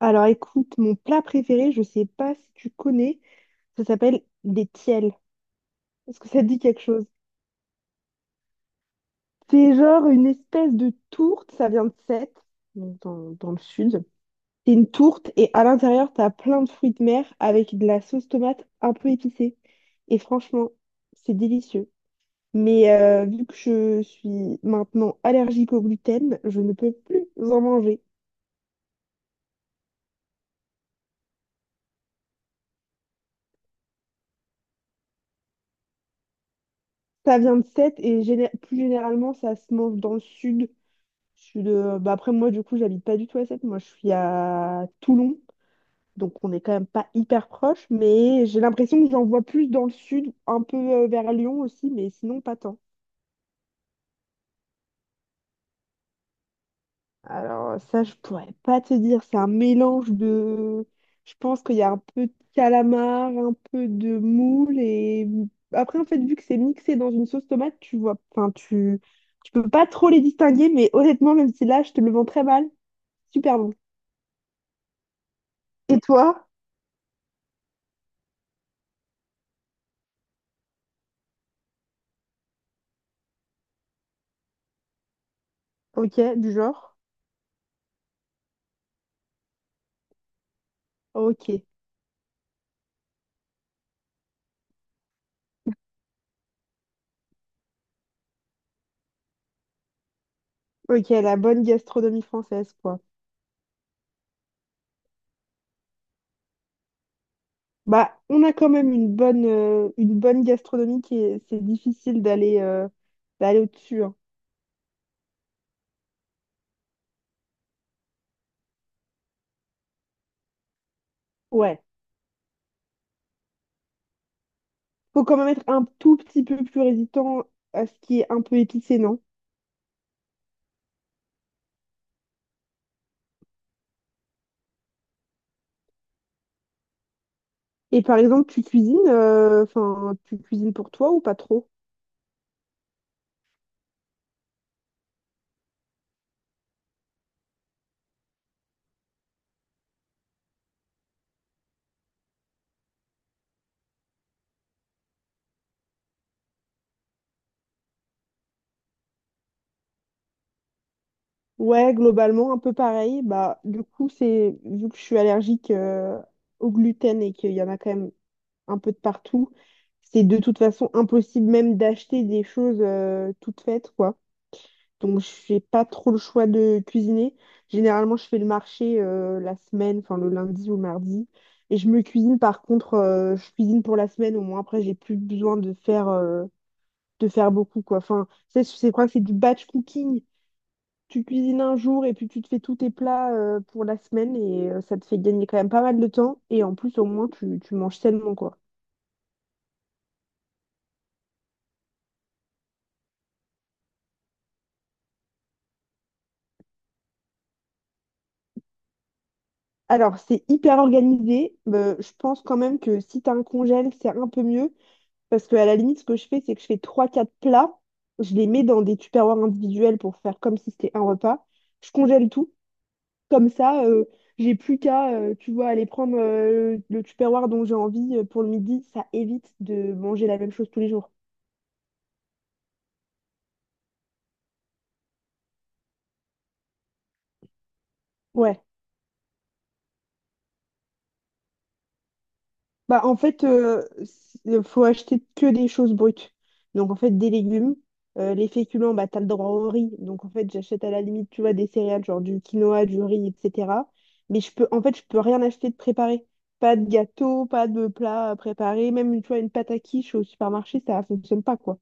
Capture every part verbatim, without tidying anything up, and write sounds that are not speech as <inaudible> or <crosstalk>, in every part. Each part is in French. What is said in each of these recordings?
Alors écoute, mon plat préféré, je sais pas si tu connais, ça s'appelle des tiels. Est-ce que ça te dit quelque chose? C'est genre une espèce de tourte, ça vient de Sète, donc dans, dans le sud. C'est une tourte et à l'intérieur, t'as plein de fruits de mer avec de la sauce tomate un peu épicée. Et franchement, c'est délicieux. Mais euh, vu que je suis maintenant allergique au gluten, je ne peux plus en manger. Ça vient de Sète et géné- plus généralement, ça se mange dans le sud. Je suis de... bah après, moi, du coup, j'habite pas du tout à Sète. Moi, je suis à Toulon. Donc, on n'est quand même pas hyper proche. Mais j'ai l'impression que j'en vois plus dans le sud, un peu euh, vers Lyon aussi, mais sinon, pas tant. Alors, ça, je pourrais pas te dire. C'est un mélange de. Je pense qu'il y a un peu de calamar, un peu de moule. Et après, en fait, vu que c'est mixé dans une sauce tomate, tu vois. Enfin, tu. Tu peux pas trop les distinguer, mais honnêtement, même si là, je te le vends très mal, super bon. Et toi? Ok, du genre. Ok, ok, la bonne gastronomie française, quoi. Bah, on a quand même une bonne, euh, une bonne gastronomie qui est, c'est difficile d'aller euh, d'aller au-dessus, hein. Ouais. Faut quand même être un tout petit peu plus résistant à ce qui est un peu épicé, non? Et par exemple, tu cuisines, euh, enfin, tu cuisines pour toi ou pas trop? Ouais, globalement, un peu pareil. Bah, du coup, c'est vu que je suis allergique euh, au gluten et qu'il y en a quand même un peu de partout. C'est de toute façon impossible même d'acheter des choses euh, toutes faites, quoi. Donc, je fais pas trop le choix de cuisiner. Généralement, je fais le marché euh, la semaine, enfin le lundi ou mardi. Et je me cuisine, par contre, euh, je cuisine pour la semaine. Au moins, après, j'ai plus besoin de faire, euh, de faire beaucoup, quoi. Enfin, c'est c'est quoi? C'est du batch cooking. Tu cuisines un jour et puis tu te fais tous tes plats euh, pour la semaine et euh, ça te fait gagner quand même pas mal de temps. Et en plus, au moins, tu, tu manges sainement, quoi. Alors, c'est hyper organisé, mais je pense quand même que si tu as un congèle, c'est un peu mieux. Parce que à la limite, ce que je fais, c'est que je fais trois, quatre plats, je les mets dans des tupperwares individuels pour faire comme si c'était un repas. Je congèle tout. Comme ça, euh, j'ai plus qu'à, euh, tu vois, aller prendre euh, le tupperware dont j'ai envie euh, pour le midi. Ça évite de manger la même chose tous les jours. Ouais. Bah, en fait, il faut acheter que des choses brutes. Donc, en fait, des légumes, euh, les féculents, bah, t'as le droit au riz. Donc, en fait, j'achète à la limite, tu vois, des céréales, genre du quinoa, du riz, et cetera. Mais je peux, en fait, je peux rien acheter de préparé. Pas de gâteau, pas de plat préparé. Même, tu vois, une pâte à quiche au supermarché, ça fonctionne pas, quoi.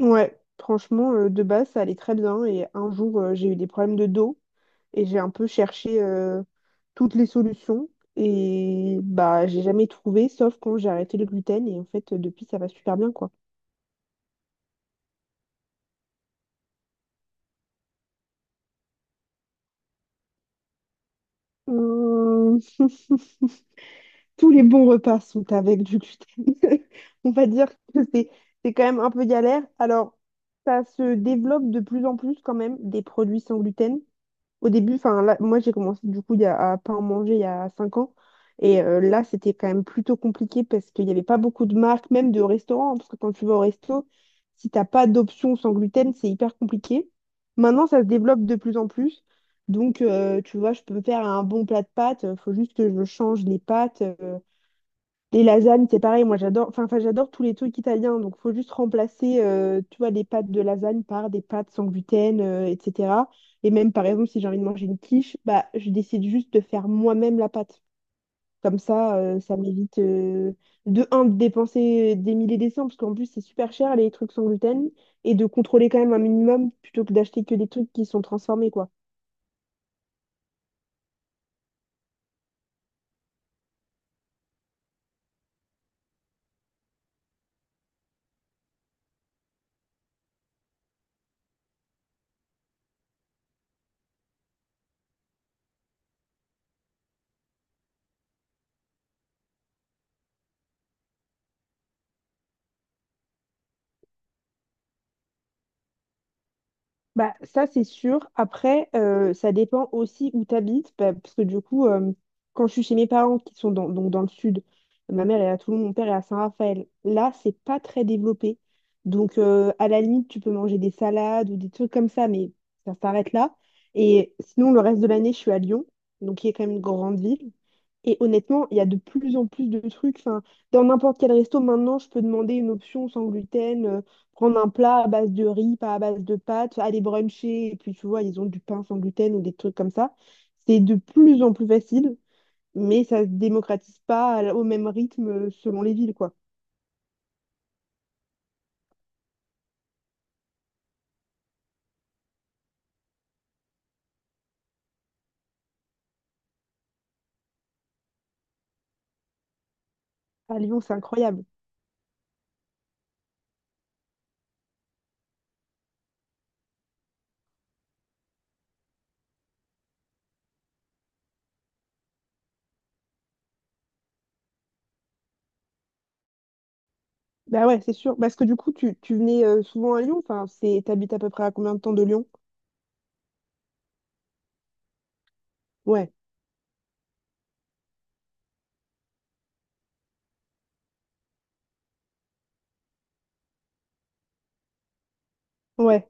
Ouais, franchement, euh, de base, ça allait très bien. Et un jour, euh, j'ai eu des problèmes de dos. Et j'ai un peu cherché euh, toutes les solutions. Et bah, j'ai jamais trouvé, sauf quand j'ai arrêté le gluten. Et en fait, depuis, ça va super bien, quoi. Hum, <laughs> Tous les bons repas sont avec du gluten. <laughs> On va dire que c'est c'est quand même un peu galère. Alors, ça se développe de plus en plus quand même des produits sans gluten. Au début, enfin là, moi j'ai commencé du coup il y a- à pas en manger il y a cinq ans. Et euh, là, c'était quand même plutôt compliqué parce qu'il n'y avait pas beaucoup de marques, même de restaurants, hein. Parce que quand tu vas au resto, si t'as pas d'option sans gluten, c'est hyper compliqué. Maintenant, ça se développe de plus en plus. Donc, euh, tu vois, je peux me faire un bon plat de pâtes. Il faut juste que je change les pâtes. Euh, les lasagnes, c'est pareil, moi j'adore, enfin, enfin, j'adore tous les trucs italiens, donc faut juste remplacer, euh, tu vois, les pâtes de lasagne par des pâtes sans gluten, euh, et cetera. Et même par exemple, si j'ai envie de manger une quiche, bah je décide juste de faire moi-même la pâte. Comme ça, euh, ça m'évite euh, de un de dépenser des milliers et des cents, parce qu'en plus c'est super cher les trucs sans gluten, et de contrôler quand même un minimum plutôt que d'acheter que des trucs qui sont transformés, quoi. Bah, ça, c'est sûr. Après, euh, ça dépend aussi où tu habites, bah, parce que du coup, euh, quand je suis chez mes parents qui sont dans, donc dans le sud, ma mère elle est à Toulon, mon père est à Saint-Raphaël. Là, c'est pas très développé. Donc, euh, à la limite, tu peux manger des salades ou des trucs comme ça, mais ça s'arrête là. Et sinon, le reste de l'année, je suis à Lyon, donc qui est quand même une grande ville. Et honnêtement, il y a de plus en plus de trucs. Enfin, dans n'importe quel resto, maintenant, je peux demander une option sans gluten. Euh, prendre un plat à base de riz, pas à base de pâtes, aller bruncher, et puis tu vois, ils ont du pain sans gluten ou des trucs comme ça. C'est de plus en plus facile, mais ça se démocratise pas à au même rythme euh, selon les villes, quoi. À Lyon, c'est incroyable. Bah ouais, c'est sûr. Parce que du coup, tu, tu venais euh, souvent à Lyon, enfin, c'est, t'habites à peu près à combien de temps de Lyon? Ouais, ouais.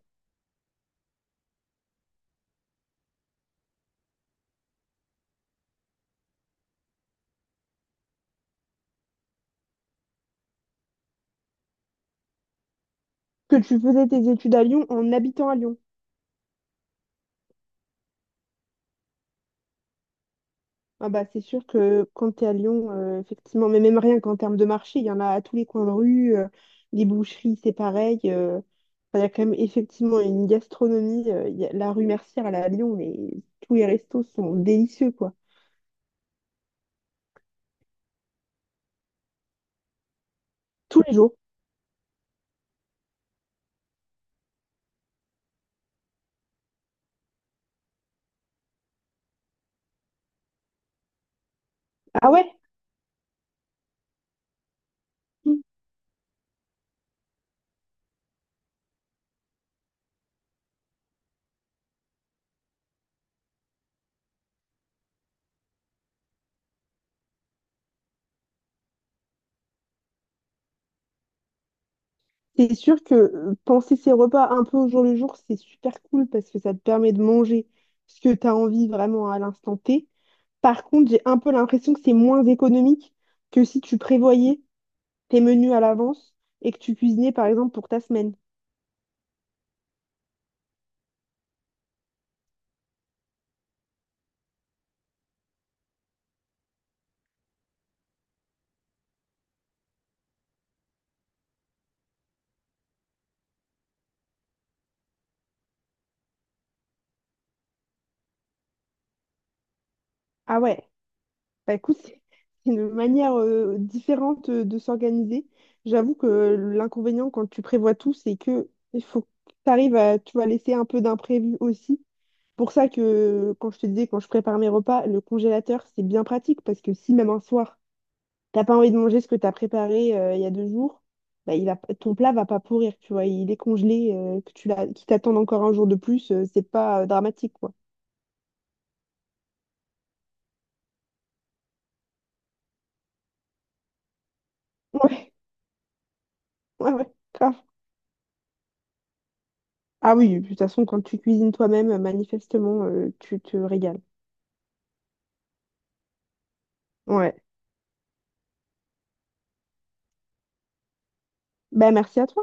Que tu faisais tes études à Lyon en habitant à Lyon. Ah bah, c'est sûr que quand tu es à Lyon, euh, effectivement, mais même rien qu'en termes de marché, il y en a à tous les coins de rue, euh, les boucheries, c'est pareil. Euh, enfin, il y a quand même effectivement une gastronomie. euh, il y a- la rue Mercière, elle est à Lyon, mais tous les restos sont délicieux, quoi. Tous les jours. Ah ouais? Mm. C'est sûr que euh, penser ses repas un peu au jour le jour, c'est super cool parce que ça te permet de manger ce que tu as envie vraiment à l'instant T. Par contre, j'ai un peu l'impression que c'est moins économique que si tu prévoyais tes menus à l'avance et que tu cuisinais par exemple pour ta semaine. Ah ouais, bah écoute, c'est c'est une manière euh, différente euh, de s'organiser. J'avoue que l'inconvénient quand tu prévois tout, c'est que il faut que tu arrives à, tu vas laisser un peu d'imprévu aussi. Pour ça que quand je te disais, quand je prépare mes repas, le congélateur, c'est bien pratique parce que si même un soir, t'as pas envie de manger ce que tu as préparé euh, il y a deux jours, bah, il va, ton plat va pas pourrir, tu vois, il est congelé, euh, que tu l'as, qu'il t'attende encore un jour de plus, euh, c'est pas euh, dramatique, quoi. Ouais. Ouais, ouais, grave. Ah oui, de toute façon, quand tu cuisines toi-même, euh, manifestement, euh, tu te régales. Ouais. Ben, merci à toi.